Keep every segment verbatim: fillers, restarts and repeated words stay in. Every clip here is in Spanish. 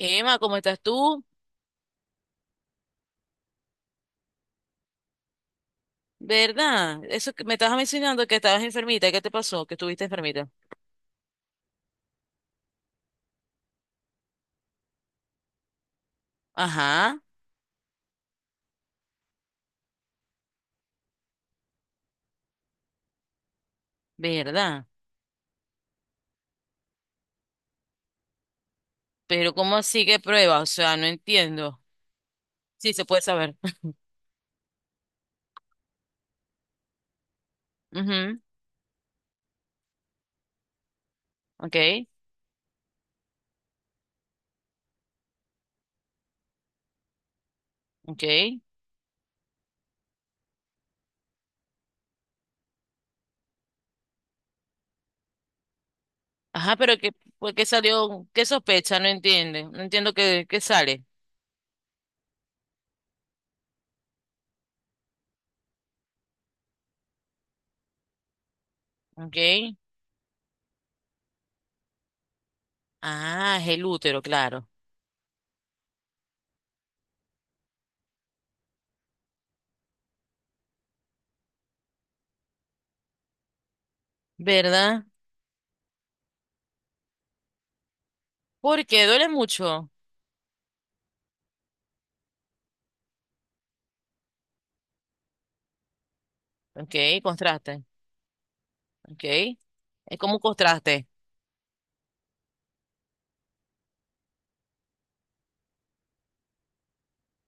Emma, ¿cómo estás tú? ¿Verdad? Eso que me estabas mencionando, que estabas enfermita. ¿Qué te pasó? Que estuviste enfermita. Ajá. ¿Verdad? Pero ¿cómo así que prueba? O sea, no entiendo. Sí, se puede saber. Ujú. Ok, ok. Ajá, pero ¿qué, ¿por qué salió? ¿Qué sospecha? No entiende. No entiendo qué, qué sale. Ok. Ah, es el útero, claro. ¿Verdad? Porque duele mucho. Ok, contraste. Ok. Es como un contraste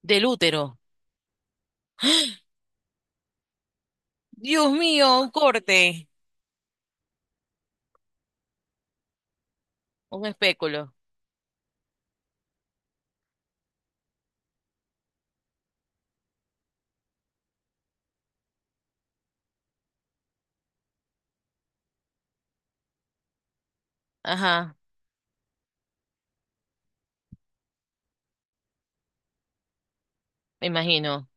del útero. Dios mío, un corte. Un espéculo. Ajá, me imagino.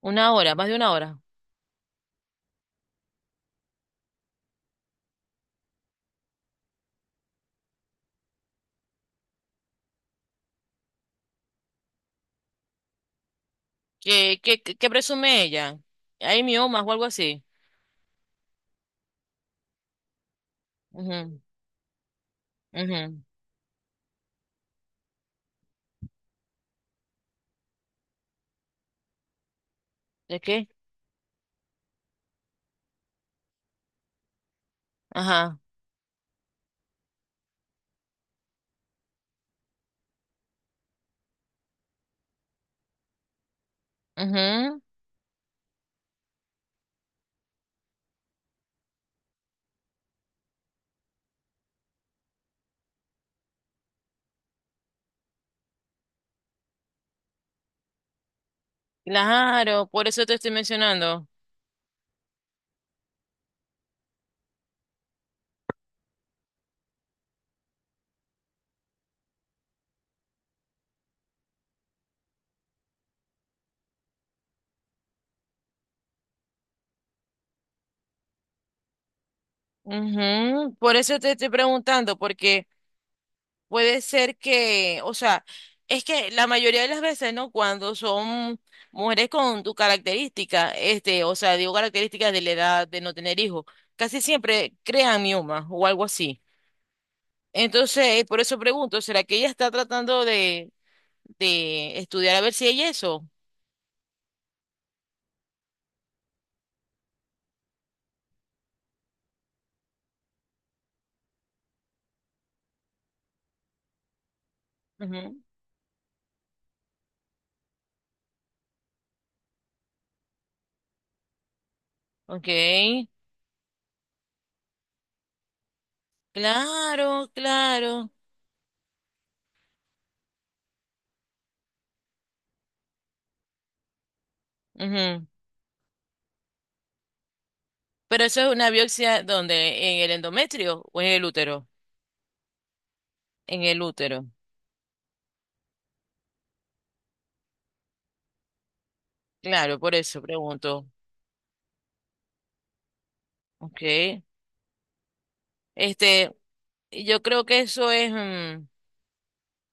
Una hora, más de una hora. ¿Qué, qué, qué, qué presume ella? ¿Hay miomas o algo así? Ujú, ujú. ¿De qué? Ajá. Ujú. Claro, por eso te estoy mencionando. Ujú. Por eso te estoy preguntando, porque puede ser que, o sea, es que la mayoría de las veces, ¿no? Cuando son mujeres con tu característica, este, o sea, digo, características de la edad de no tener hijos, casi siempre crean miomas o algo así. Entonces, eh, por eso pregunto, ¿será que ella está tratando de, de estudiar a ver si hay eso? Ujú. Ok, claro, claro. Ujú. Pero eso es una biopsia, donde, en el endometrio o en el útero? En el útero. Claro, por eso pregunto. Ok. Este, yo creo que eso es mm,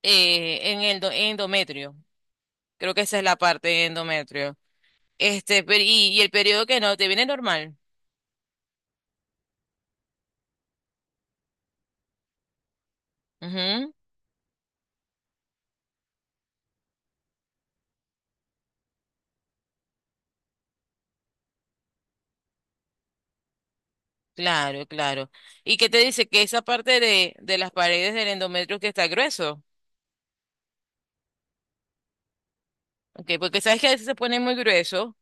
eh, en el do- endometrio. Creo que esa es la parte de endometrio. Este, pero- y, y el periodo, que no, te viene normal? Ujú. Claro, claro. ¿Y qué te dice? Que esa parte de, de las paredes del endometrio, que está grueso. Okay, porque sabes que a veces se pone muy grueso,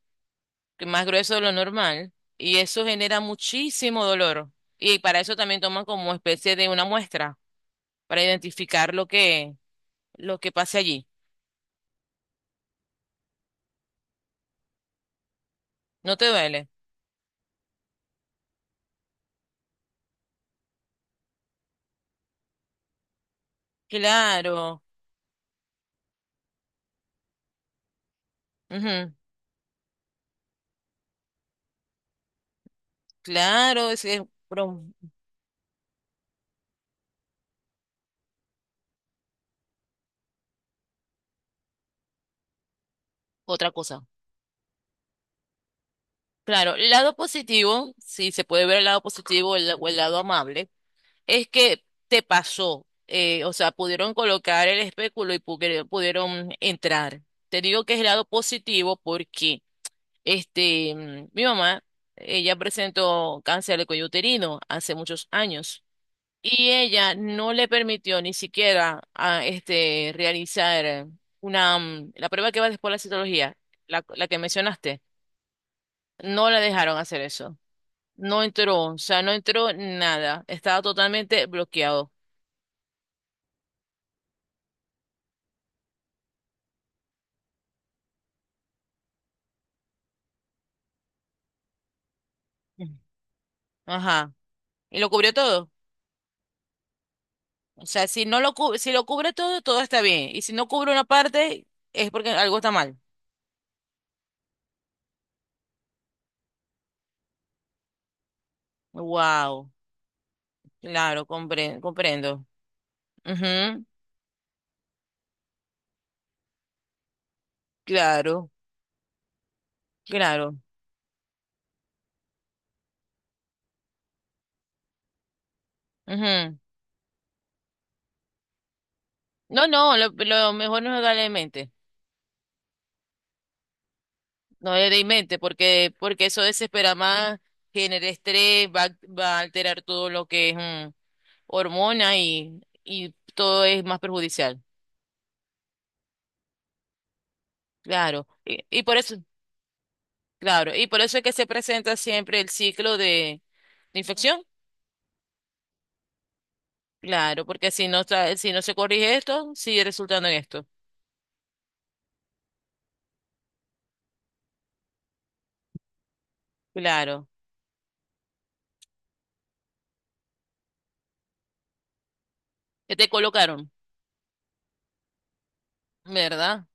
que más grueso de lo normal, y eso genera muchísimo dolor. Y para eso también toman como especie de una muestra, para identificar lo que, lo que pase allí. ¿No te duele? Claro. Ujú. Claro, es, es pero otra cosa. Claro, el lado positivo, sí, se puede ver el lado positivo el- o el lado amable es que te pasó. Eh, o sea, pudieron colocar el espéculo y pu- pudieron entrar. Te digo que es el lado positivo porque este, mm, mi mamá, ella presentó cáncer de cuello uterino hace muchos años y ella no le permitió ni siquiera a, este, realizar una, mm, la prueba que va después de la citología, la, la que mencionaste, no la dejaron hacer eso. No entró, o sea, no entró nada, estaba totalmente bloqueado. Ajá. Y lo cubrió todo. O sea, si no lo cu- si lo cubre todo, todo está bien. Y si no cubre una parte, es porque algo está mal. Wow. Claro, compre- comprendo. Ujú. Claro, claro. Ujú. No, no, lo, lo mejor no es darle en mente. No le dé en mente, porque, porque eso desespera más, genera estrés, va, a- va a alterar todo lo que es mm, hormona y, y todo es más perjudicial. Claro. Y, y por eso. Claro, y por eso es que se presenta siempre el ciclo de, de infección. Claro, porque si no, tra- si no se corrige esto, sigue resultando en esto. Claro. ¿Qué te colocaron? ¿Verdad?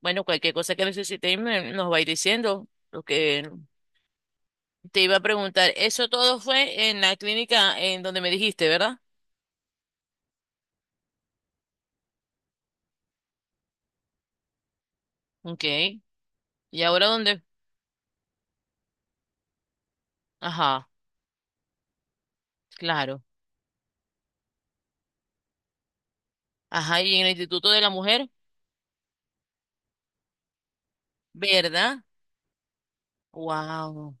Bueno, cualquier cosa que necesitéis me- nos vais diciendo. Lo que te iba a preguntar, eso todo fue en la clínica en donde me dijiste, ¿verdad? Ok. ¿Y ahora dónde? Ajá, claro. Ajá, ¿y en el Instituto de la Mujer, ¿verdad? Wow.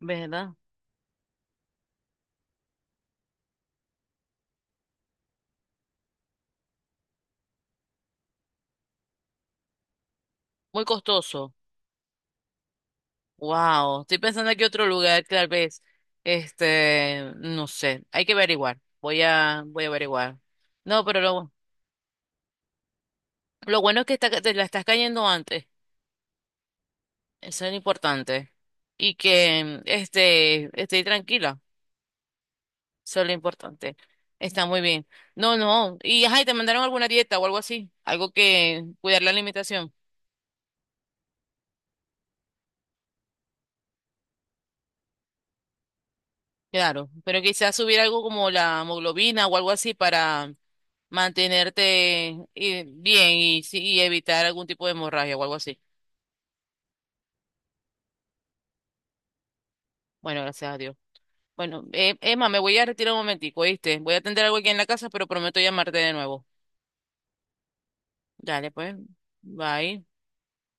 ¿Verdad? Muy costoso. Wow, estoy pensando aquí otro lugar, tal vez. Este, no sé, hay que averiguar. Voy a, voy a averiguar. No, pero lo, lo bueno es que está- te la estás cayendo antes. Eso es lo importante. Y que, este, estoy tranquila. Eso es lo importante. Está muy bien. No, no. Y, ajá, ¿y te mandaron alguna dieta o algo así? Algo, que cuidar la alimentación. Claro, pero quizás subir algo como la hemoglobina o algo así para mantenerte eh, bien y, sí, y evitar algún tipo de hemorragia o algo así. Bueno, gracias a Dios. Bueno, eh, Emma, me voy a retirar un momentico, ¿oíste? Voy a atender algo aquí en la casa, pero prometo llamarte de nuevo. Dale, pues. Bye.